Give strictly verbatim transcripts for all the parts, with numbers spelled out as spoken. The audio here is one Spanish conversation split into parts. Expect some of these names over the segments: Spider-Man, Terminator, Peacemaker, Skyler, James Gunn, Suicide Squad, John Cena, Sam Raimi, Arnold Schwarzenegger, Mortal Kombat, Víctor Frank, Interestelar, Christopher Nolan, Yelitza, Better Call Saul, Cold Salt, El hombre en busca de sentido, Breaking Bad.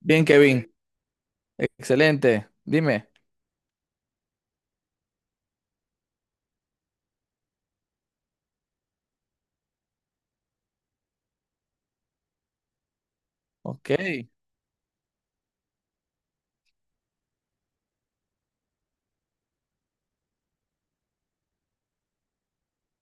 Bien, Kevin. Excelente. Dime. Ok,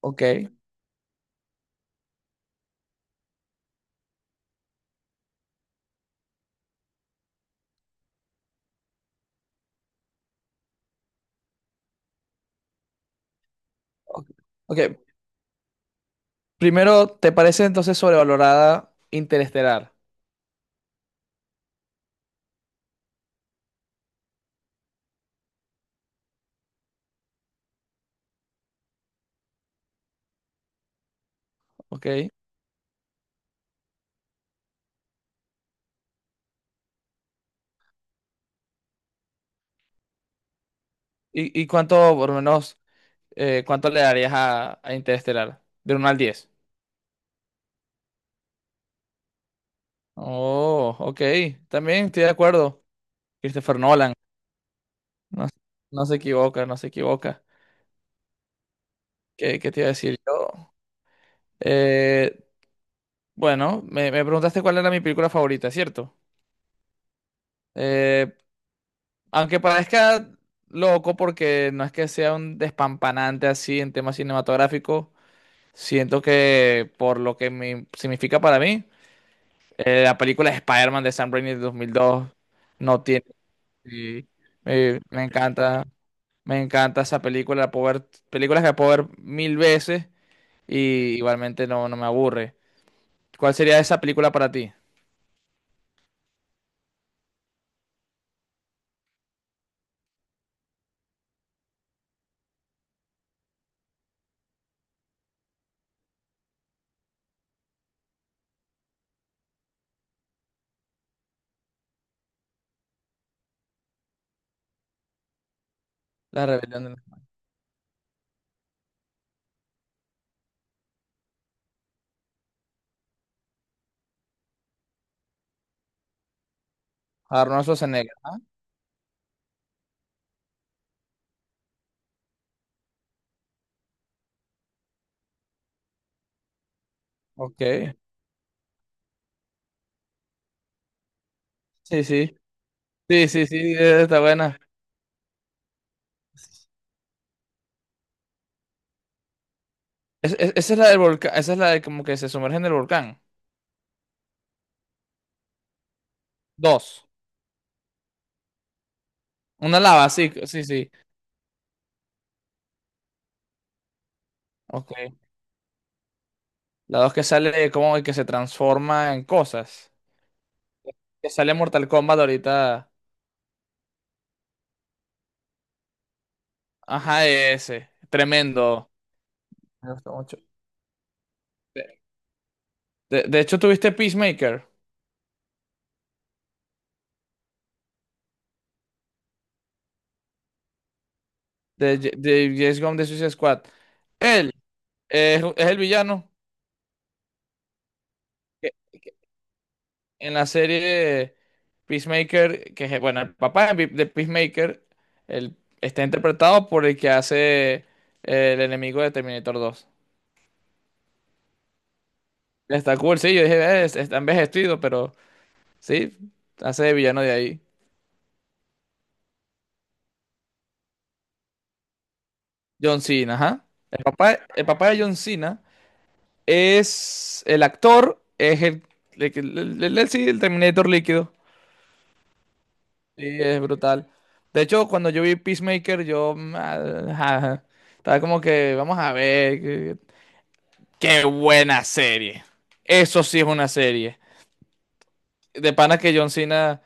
ok, ok. Ok. Primero, ¿te parece entonces sobrevalorada Interestelar? Ok. ¿Y, y cuánto, por lo menos, eh, cuánto le darías a, a Interestelar? De uno al diez. Oh, ok. También estoy de acuerdo. Christopher Nolan. No, no se equivoca, no se equivoca. ¿Qué, qué te iba a decir yo? Eh, bueno, me, me preguntaste cuál era mi película favorita, ¿cierto? Eh, Aunque parezca loco porque no es que sea un despampanante así en temas cinematográficos, siento que por lo que me significa para mí, eh, la película de Spider-Man de Sam Raimi de dos mil dos no tiene... Sí, eh, me encanta, me encanta esa película, la puedo ver- películas que la puedo ver mil veces y igualmente no, no me aburre. ¿Cuál sería esa película para ti? La rebelión de Arnold Schwarzenegger, ¿ah? Ok. Sí, sí. Sí, sí, sí, está buena. Es- es- esa es la del volcán, esa es la de como que se sumerge en el volcán. Dos. Una lava, sí, sí, sí. Ok. La dos que sale de como que se transforma en cosas. Que sale Mortal Kombat ahorita. Ajá, ese. Tremendo. Me gustó mucho. De, de- de hecho, tuviste Peacemaker de, J- de James Gunn de Suicide Squad. Él, eh, es, es el villano. En la serie Peacemaker, que es, bueno, el papá de Pe- de Peacemaker, él está interpretado por el que hace eh, el enemigo de Terminator dos. Está cool, sí, yo dije: "Eh, es- está envejecido, pero sí, hace de villano de ahí". John Cena, ajá. El papá, el papá de John Cena es el actor, es el, el, que- el- el- el- sí, el Terminator líquido. Sí, es brutal. De hecho, cuando yo vi Peacemaker, yo... mm, ah, ajá. Estaba como que, vamos a ver. Qué buena serie. Eso sí es una serie. De pana que John Cena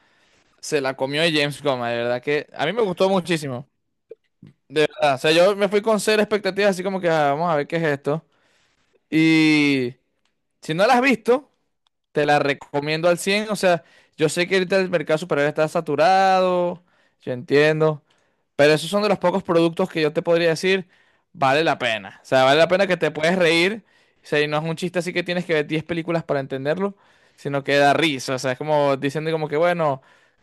se la comió de James Goma, de verdad que a mí me gustó muchísimo. De verdad, o sea, yo me fui con cero expectativas, así como que ah, vamos a ver qué es esto. Y si no la has visto, te la recomiendo al cien. O sea, yo sé que ahorita el mercado superior está saturado, yo entiendo, pero esos son de los pocos productos que yo te podría decir, vale la pena. O sea, vale la pena que te puedes reír. O sea, y no es un chiste así que tienes que ver diez películas para entenderlo, sino que da risa. O sea, es como diciendo como que, bueno,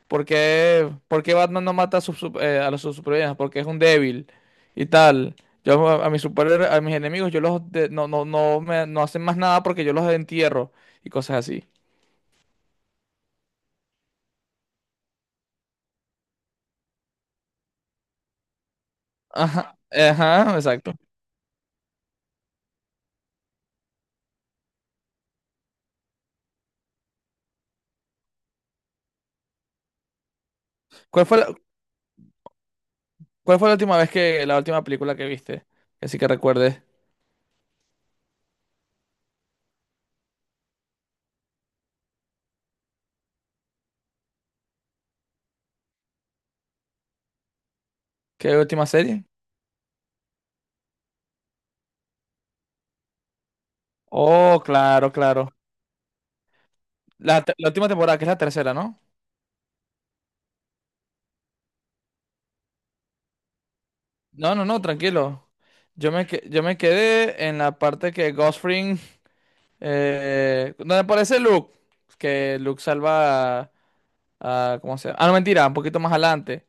¿por qué, por qué Batman no mata a, sus sup- eh, a los sus supervillanos? Porque es un débil y tal. Yo a, a mis super, a mis enemigos, yo los de- no, no, no me no hacen más nada porque yo los entierro y cosas así. Ajá, ajá, exacto. ¿Cuál fue la, cuál fue la última vez que, la última película que viste? Así que recuerdes. ¿Qué última serie? Oh, claro, claro. La, te- la última temporada, que es la tercera, ¿no? No, no, no, tranquilo. Yo me, que- yo me quedé en la parte que Ghost Fring, eh, donde aparece Luke, que Luke salva a, a- ¿cómo se llama? Ah, no, mentira, un poquito más adelante,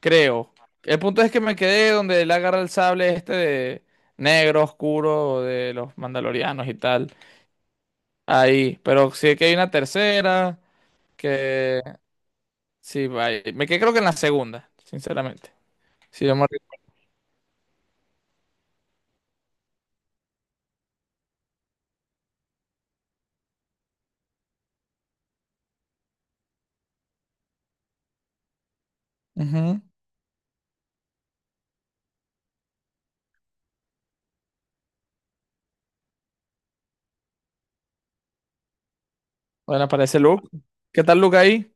creo. El punto es que me quedé donde él agarra el sable este de negro oscuro de los mandalorianos y tal. Ahí, pero sí que hay una tercera que sí, vaya. Me quedé creo que en la segunda, sinceramente. Sí, yo me recuerdo. Ujú. Bueno, aparece Luke. ¿Qué tal Luke ahí?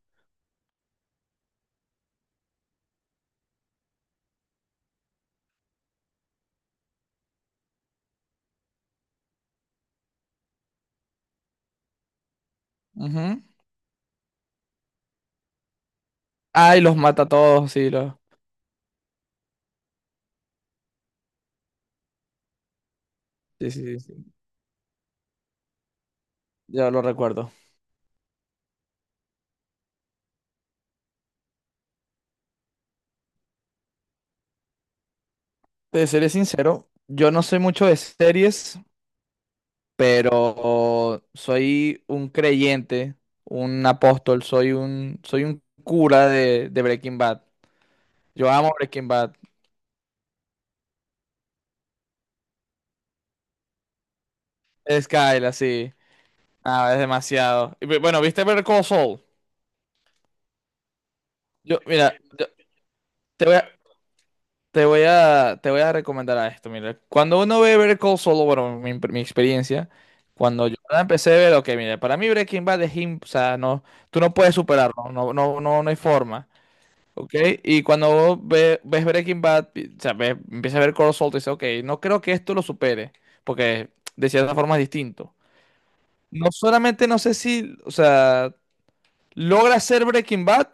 Ujú. Ay, los mata a todos, sí, los... Sí, sí, sí, sí. Ya lo recuerdo. Te seré sincero, yo no soy mucho de series, pero soy un creyente, un apóstol, soy un, soy un cura de, de Breaking Bad. Yo amo Breaking Bad. Skyler, así. Ah, es demasiado. Y bueno, ¿viste Better Call Saul? Yo, mira, yo- te voy a, te voy a, te voy a recomendar a esto, mira. Cuando uno ve Better Call Saul, bueno, mi, mi experiencia, cuando yo la empecé a ver, ok, mira, para mí Breaking Bad es, im- o sea, no, tú no puedes superarlo, no, no, no, no hay forma. Ok, y cuando vos ve- ves Breaking Bad, pi- o sea, ves- empiezas a ver Cold Salt y dices, ok, no creo que esto lo supere, porque de cierta forma es distinto. No solamente no sé si, o sea, logra hacer Breaking Bad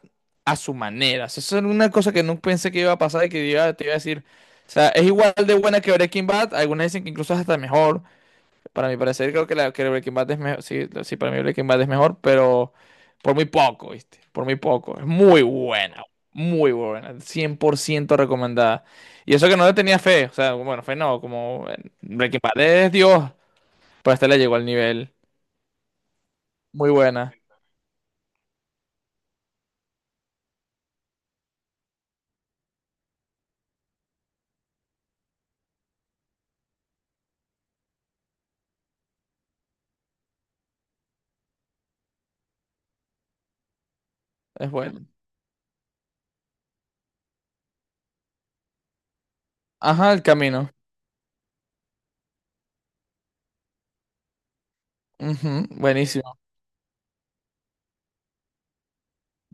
a su manera. O sea, eso es una cosa que no pensé que iba a pasar y que iba- te iba a decir, o sea, es igual de buena que Breaking Bad, algunas dicen que incluso es hasta mejor. Para mi parecer, creo que, la, que Breaking Bad es mejor. Sí, lo- sí, para mí Breaking Bad es mejor, pero por muy poco, ¿viste? Por muy poco. Es muy buena, muy buena, cien por ciento recomendada. Y eso que no le tenía fe, o sea, bueno, fe no, como eh, Breaking Bad es Dios, pero esta le llegó al nivel. Muy buena, es buena. Ajá, el camino. Ujú, buenísimo.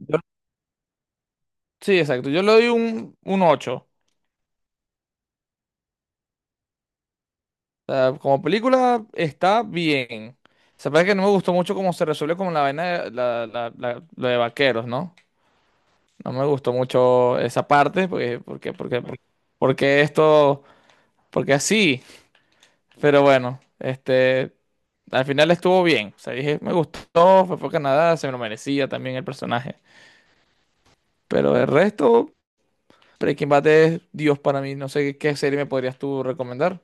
Yo- sí, exacto. Yo le doy un, un, ocho. Sea, como película está bien. Se parece que no me gustó mucho cómo se resuelve como la vaina de, la- la- la- lo de vaqueros, ¿no? No me gustó mucho esa parte, porque, porque, porque, porque esto, porque así. Pero bueno, este, al final estuvo bien. O sea, dije, me gustó, fue por Canadá, se me lo merecía también el personaje. Pero el resto, Breaking Bad es Dios para mí. No sé qué serie me podrías tú recomendar.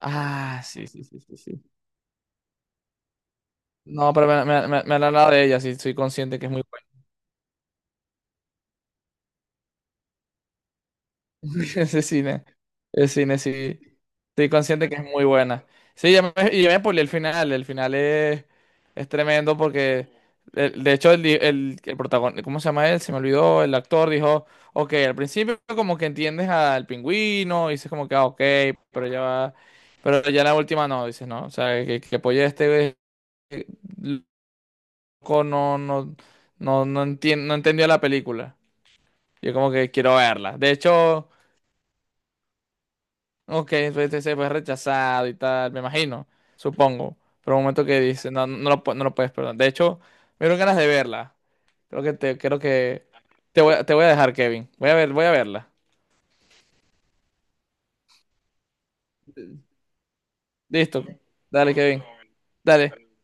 Ah, sí, sí, sí, sí, sí. No, pero me, me, me, me han hablado de ella, sí, soy consciente que es muy buena. Ese cine, el cine, sí. Estoy consciente que es muy buena. Sí, ya me, y ya me spoileé el final. El final es, es tremendo porque, de, de hecho, el, di- el, protagonista, ¿cómo se llama él? Se me olvidó. El actor dijo, ok, al principio como que entiendes al pingüino, y dices como que, ah, ok, pero ya va. Pero ya la última no, dices, no. O sea, que, que apoye este eh, loco, no, no, no, no, entien- no entendió la película. Yo como que quiero verla. De hecho, ok, pues, este se fue rechazado y tal, me imagino, supongo. Pero un momento que dice, no, no no lo, pu- no lo puedes perdonar. De hecho, me dieron ganas de verla. Creo que te, creo que te voy, a- te voy a dejar, Kevin. Voy a ver, voy a verla. Listo. Dale, Kevin. Dale.